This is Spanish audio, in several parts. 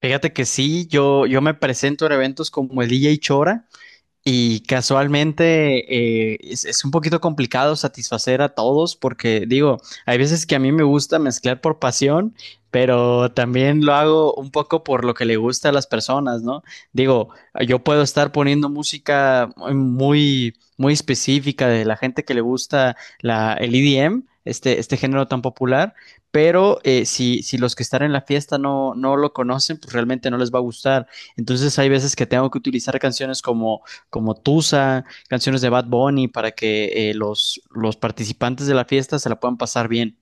Fíjate que sí, yo me presento en eventos como el DJ Chora, y casualmente es un poquito complicado satisfacer a todos porque digo, hay veces que a mí me gusta mezclar por pasión, pero también lo hago un poco por lo que le gusta a las personas, ¿no? Digo, yo puedo estar poniendo música muy específica de la gente que le gusta el EDM, este género tan popular, pero si los que están en la fiesta no lo conocen, pues realmente no les va a gustar. Entonces hay veces que tengo que utilizar canciones como Tusa, canciones de Bad Bunny, para que los participantes de la fiesta se la puedan pasar bien.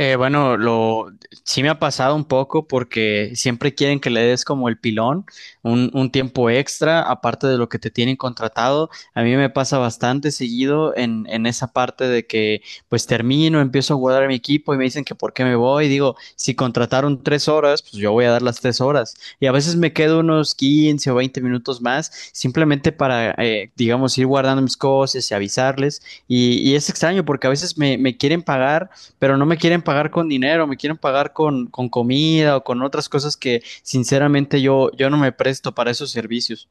Bueno, lo sí me ha pasado un poco porque siempre quieren que le des como el pilón, un tiempo extra, aparte de lo que te tienen contratado. A mí me pasa bastante seguido en esa parte de que pues termino, empiezo a jugar a mi equipo y me dicen que por qué me voy. Digo, si contrataron 3 horas, pues yo voy a dar las 3 horas. Y a veces me quedo unos 15 o 20 minutos más, simplemente para, digamos, ir guardando mis cosas y avisarles. Y es extraño porque a veces me quieren pagar pero no me quieren pagar con dinero, me quieren pagar con comida o con otras cosas que sinceramente yo no me presto para esos servicios.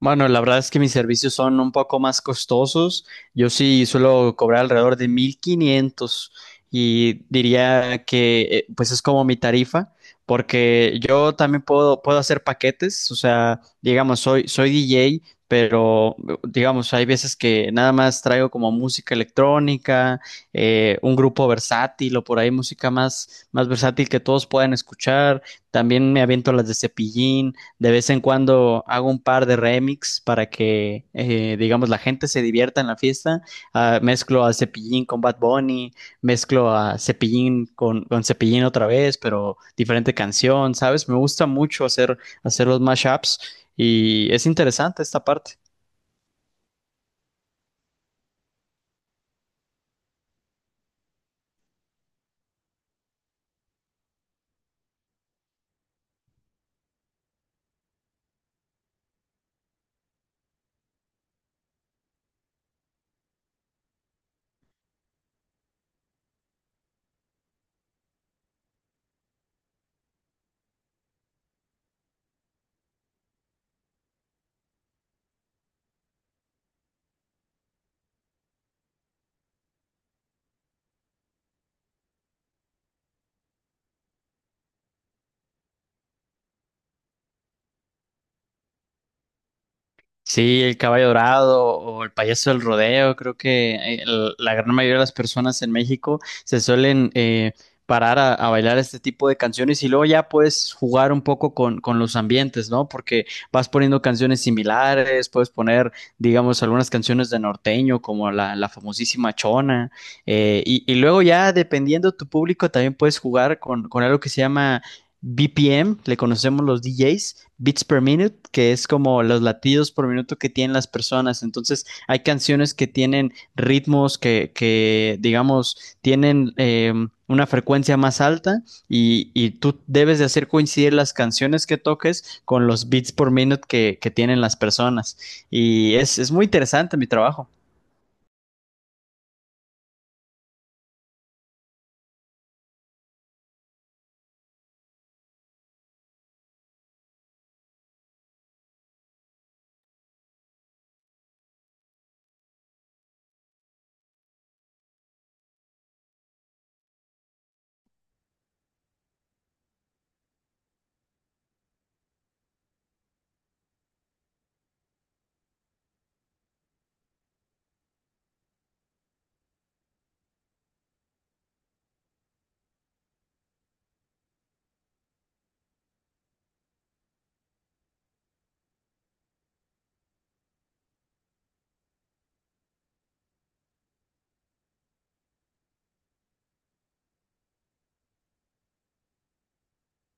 Bueno, la verdad es que mis servicios son un poco más costosos. Yo sí suelo cobrar alrededor de 1,500 y diría que pues es como mi tarifa, porque yo también puedo hacer paquetes, o sea, digamos, soy DJ, pero digamos, hay veces que nada más traigo como música electrónica, un grupo versátil o por ahí música más versátil que todos puedan escuchar. También me aviento las de Cepillín. De vez en cuando hago un par de remix para que, digamos, la gente se divierta en la fiesta. Ah, mezclo a Cepillín con Bad Bunny, mezclo a Cepillín con Cepillín otra vez, pero diferente canción, ¿sabes? Me gusta mucho hacer, hacer los mashups y es interesante esta parte. Sí, el caballo dorado o el payaso del rodeo, creo que la gran mayoría de las personas en México se suelen parar a bailar este tipo de canciones y luego ya puedes jugar un poco con los ambientes, ¿no? Porque vas poniendo canciones similares, puedes poner, digamos, algunas canciones de norteño como la famosísima Chona y luego ya dependiendo tu público también puedes jugar con algo que se llama BPM, le conocemos los DJs, beats per minute, que es como los latidos por minuto que tienen las personas. Entonces, hay canciones que tienen ritmos que digamos, tienen una frecuencia más alta y tú debes de hacer coincidir las canciones que toques con los beats por minute que tienen las personas. Y es muy interesante mi trabajo.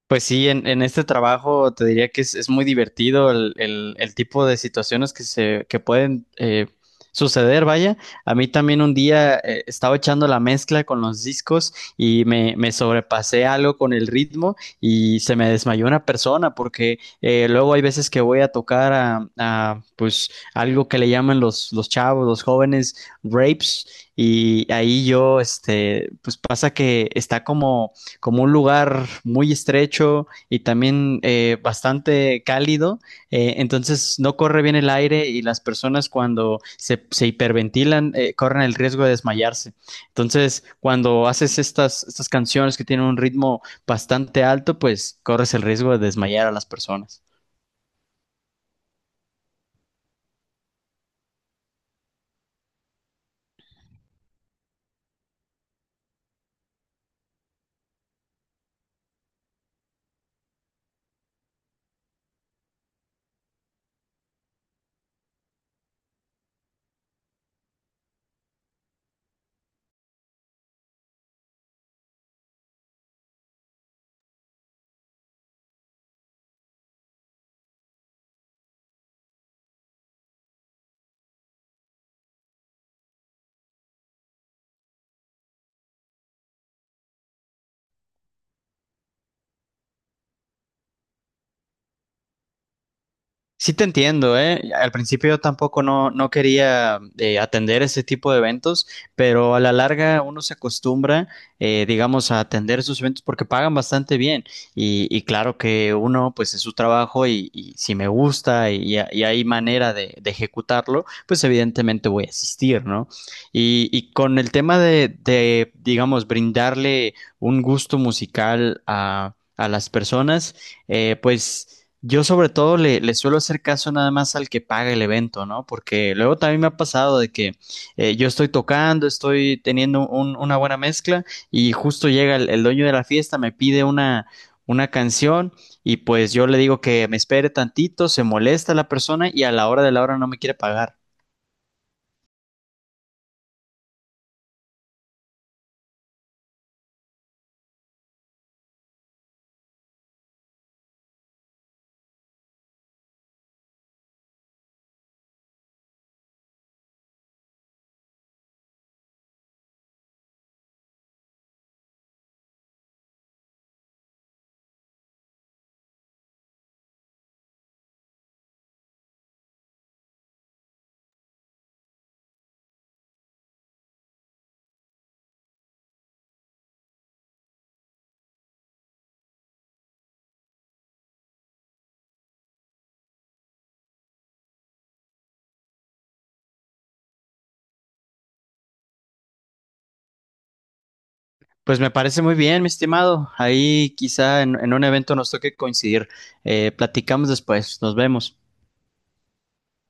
Pues sí, en este trabajo te diría que es muy divertido el tipo de situaciones que se que pueden suceder, vaya. A mí también un día estaba echando la mezcla con los discos y me sobrepasé algo con el ritmo y se me desmayó una persona porque luego hay veces que voy a tocar pues algo que le llaman los chavos, los jóvenes, rapes. Y ahí yo, este, pues pasa que está como un lugar muy estrecho y también bastante cálido, entonces no corre bien el aire y las personas cuando se hiperventilan corren el riesgo de desmayarse. Entonces, cuando haces estas canciones que tienen un ritmo bastante alto, pues corres el riesgo de desmayar a las personas. Sí te entiendo, ¿eh? Al principio yo tampoco no quería atender ese tipo de eventos, pero a la larga uno se acostumbra, digamos, a atender esos eventos porque pagan bastante bien. Y claro que uno, pues es su trabajo y si me gusta y hay manera de ejecutarlo, pues evidentemente voy a asistir, ¿no? Y con el tema de digamos, brindarle un gusto musical a las personas, pues... Yo sobre todo le suelo hacer caso nada más al que paga el evento, ¿no? Porque luego también me ha pasado de que yo estoy tocando, estoy teniendo una buena mezcla y justo llega el dueño de la fiesta, me pide una canción y pues yo le digo que me espere tantito, se molesta la persona y a la hora de la hora no me quiere pagar. Pues me parece muy bien, mi estimado. Ahí quizá en un evento nos toque coincidir. Platicamos después, nos vemos.